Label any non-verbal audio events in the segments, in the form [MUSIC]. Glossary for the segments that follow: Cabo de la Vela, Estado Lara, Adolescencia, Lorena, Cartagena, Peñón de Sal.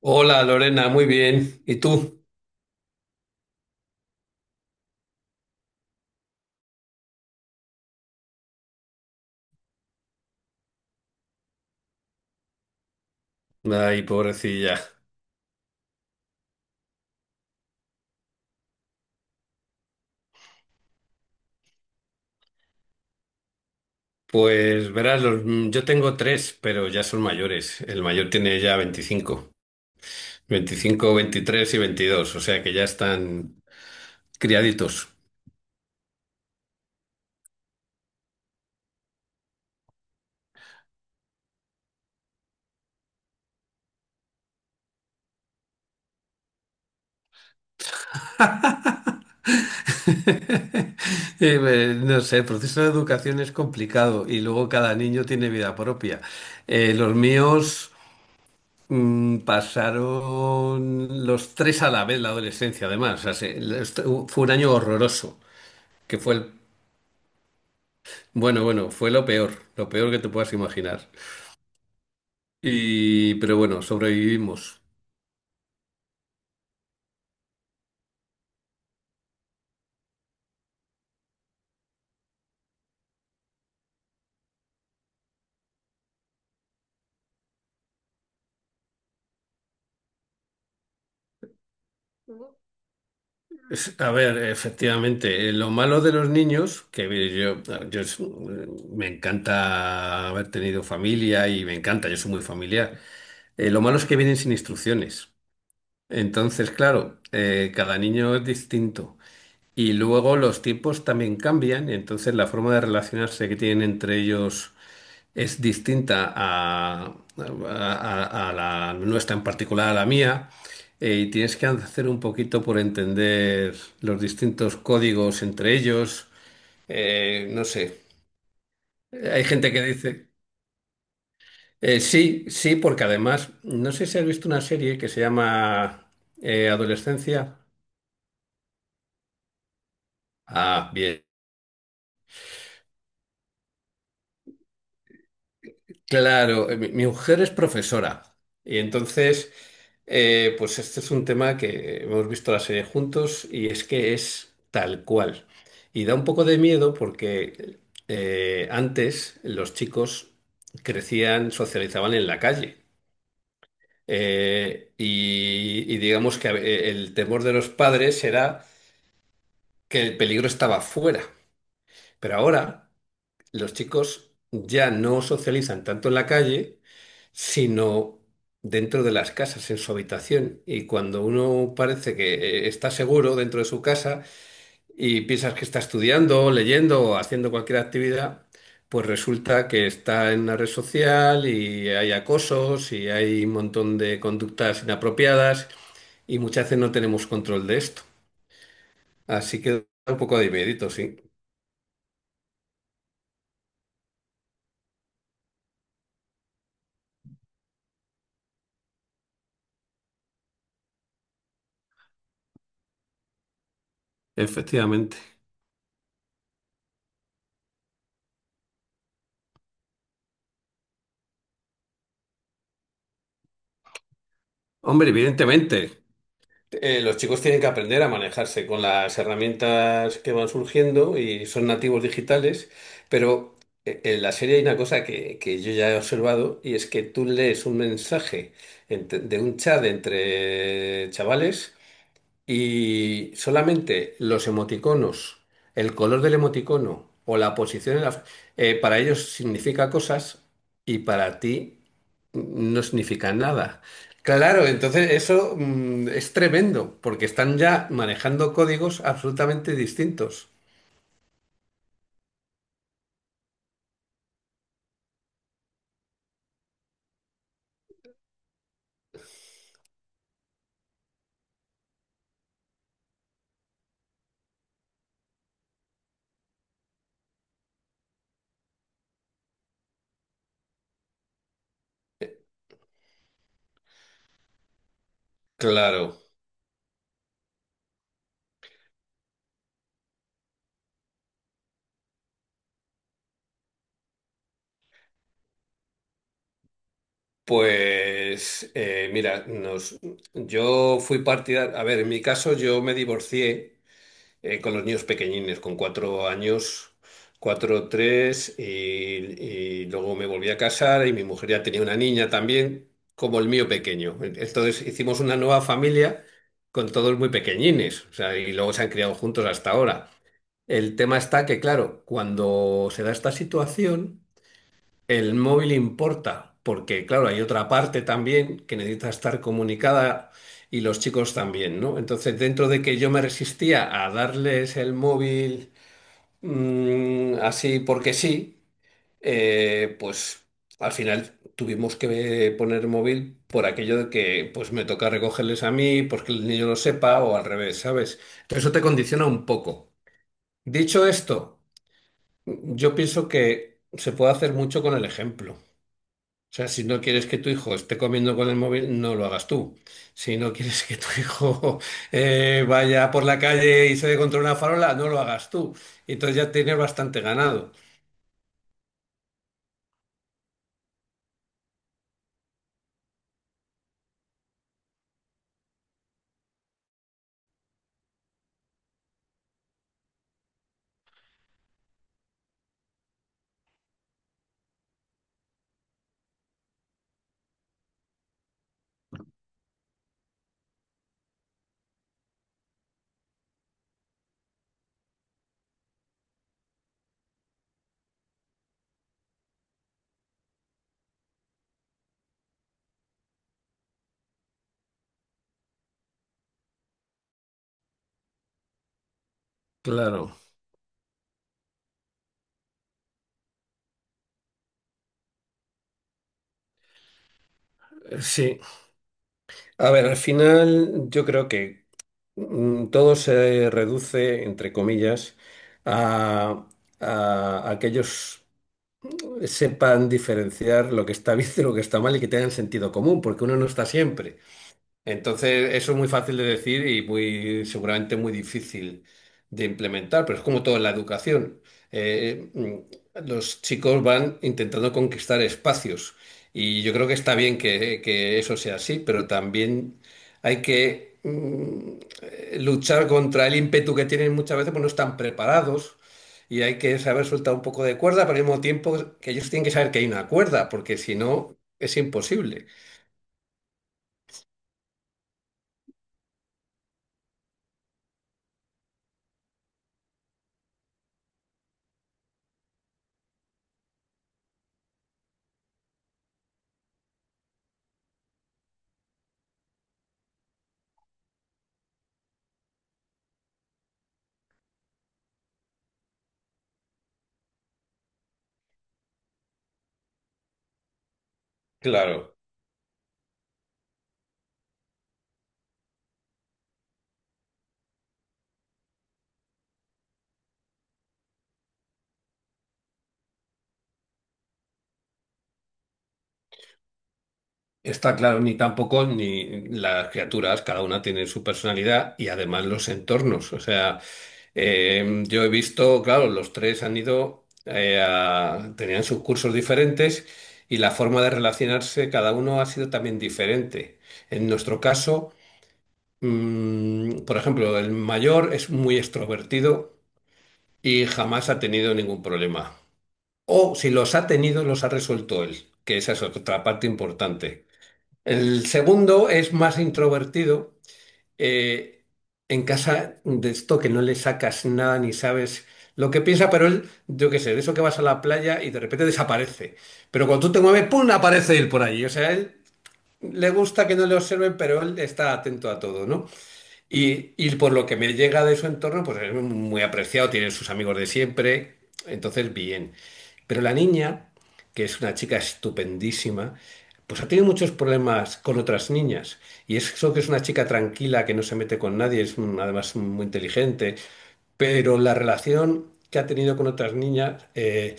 Hola Lorena, muy bien. ¿Y tú? Ay, pobrecilla. Pues verás, yo tengo tres, pero ya son mayores. El mayor tiene ya veinticinco, 23 y 22. O sea que ya están criaditos. [LAUGHS] No sé, el proceso de educación es complicado y luego cada niño tiene vida propia. Los míos pasaron los tres a la vez la adolescencia, además. O sea, fue un año horroroso, que fue el bueno, bueno, fue lo peor que te puedas imaginar. Pero bueno, sobrevivimos. A ver, efectivamente, lo malo de los niños, que yo, me encanta haber tenido familia y me encanta, yo soy muy familiar. Lo malo es que vienen sin instrucciones. Entonces, claro, cada niño es distinto. Y luego los tiempos también cambian, entonces la forma de relacionarse que tienen entre ellos es distinta la nuestra, en particular a la mía, y tienes que hacer un poquito por entender los distintos códigos entre ellos. No sé, hay gente que dice, sí, sí, porque además, no sé si has visto una serie que se llama Adolescencia. Ah, bien. Claro, mi mujer es profesora y entonces, pues este es un tema que hemos visto la serie juntos y es que es tal cual. Y da un poco de miedo porque antes los chicos crecían, socializaban en la calle. Y digamos que el temor de los padres era que el peligro estaba fuera. Pero ahora los chicos ya no socializan tanto en la calle, sino dentro de las casas, en su habitación. Y cuando uno parece que está seguro dentro de su casa y piensas que está estudiando, leyendo o haciendo cualquier actividad, pues resulta que está en una red social y hay acosos y hay un montón de conductas inapropiadas y muchas veces no tenemos control de esto. Así que da un poco de miedito, sí. Efectivamente. Hombre, evidentemente. Los chicos tienen que aprender a manejarse con las herramientas que van surgiendo y son nativos digitales, pero en la serie hay una cosa que yo ya he observado y es que tú lees un mensaje de un chat entre chavales y solamente los emoticonos, el color del emoticono o la posición para ellos significa cosas y para ti no significa nada. Claro, entonces eso es tremendo, porque están ya manejando códigos absolutamente distintos. Claro, pues mira, yo fui partidario, a ver, en mi caso yo me divorcié con los niños pequeñines, con 4 años, cuatro, tres, y luego me volví a casar y mi mujer ya tenía una niña también, como el mío pequeño. Entonces hicimos una nueva familia con todos muy pequeñines, o sea, y luego se han criado juntos hasta ahora. El tema está que, claro, cuando se da esta situación. El móvil importa, porque claro, hay otra parte también que necesita estar comunicada y los chicos también, ¿no? Entonces, dentro de que yo me resistía a darles el móvil así porque sí, pues al final tuvimos que poner móvil por aquello de que pues me toca recogerles a mí, porque el niño lo sepa o al revés, ¿sabes? Entonces, eso te condiciona un poco. Dicho esto, yo pienso que se puede hacer mucho con el ejemplo. O sea, si no quieres que tu hijo esté comiendo con el móvil, no lo hagas tú. Si no quieres que tu hijo [LAUGHS] vaya por la calle y se dé contra una farola, no lo hagas tú. Entonces ya tienes bastante ganado. Claro, sí. A ver, al final yo creo que todo se reduce, entre comillas, a, a que ellos sepan diferenciar lo que está [LAUGHS] bien de lo que está mal y que tengan sentido común, porque uno no está siempre. Entonces, eso es muy fácil de decir y muy, seguramente muy difícil de implementar, pero es como todo en la educación. Los chicos van intentando conquistar espacios y yo creo que está bien que eso sea así, pero también hay que luchar contra el ímpetu que tienen muchas veces, pues no están preparados. Y hay que saber soltar un poco de cuerda, pero al mismo tiempo que ellos tienen que saber que hay una cuerda, porque si no, es imposible. Claro. Está claro, ni tampoco ni las criaturas, cada una tiene su personalidad y además los entornos. O sea, yo he visto, claro, los tres han ido, tenían sus cursos diferentes y la forma de relacionarse cada uno ha sido también diferente. En nuestro caso, por ejemplo, el mayor es muy extrovertido y jamás ha tenido ningún problema. O si los ha tenido, los ha resuelto él, que esa es otra parte importante. El segundo es más introvertido. eh, en casa de esto que no le sacas nada ni sabes lo que piensa, pero él, yo qué sé, de eso que vas a la playa y de repente desaparece. Pero cuando tú te mueves, ¡pum! Aparece él por allí. O sea, él le gusta que no le observen, pero él está atento a todo, ¿no? Y por lo que me llega de su entorno, pues es muy apreciado, tiene sus amigos de siempre, entonces bien. Pero la niña, que es una chica estupendísima, pues ha tenido muchos problemas con otras niñas. Y eso que es una chica tranquila, que no se mete con nadie, es además muy inteligente, pero la relación que ha tenido con otras niñas,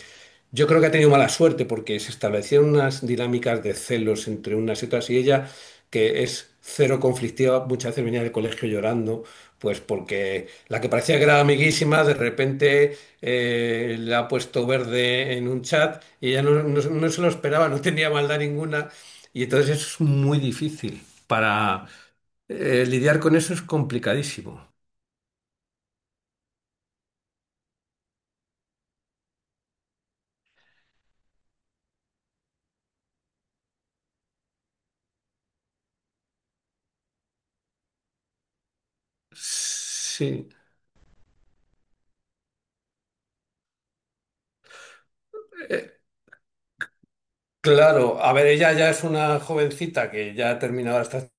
yo creo que ha tenido mala suerte porque se establecieron unas dinámicas de celos entre unas y otras y ella, que es cero conflictiva, muchas veces venía del colegio llorando, pues porque la que parecía que era amiguísima, de repente le ha puesto verde en un chat y ella no se lo esperaba, no tenía maldad ninguna y entonces es muy difícil para lidiar con eso es complicadísimo. Sí. Eh, Claro, a ver, ella ya es una jovencita que ya ha terminado las práct-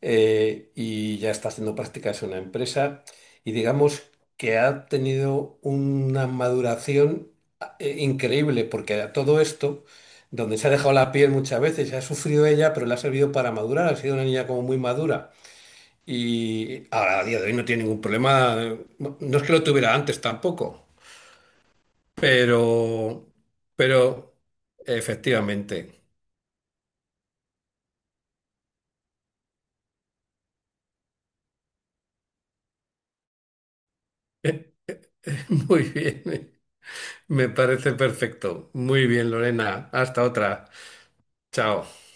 eh, y ya está haciendo prácticas en una empresa y digamos que ha tenido una maduración increíble porque a todo esto, donde se ha dejado la piel muchas veces, ha sufrido ella, pero le ha servido para madurar, ha sido una niña como muy madura y ahora a día de hoy no tiene ningún problema, no es que lo tuviera antes tampoco, pero, pero efectivamente, [LAUGHS] muy bien. Me parece perfecto. Muy bien, Lorena. Hasta otra. Chao.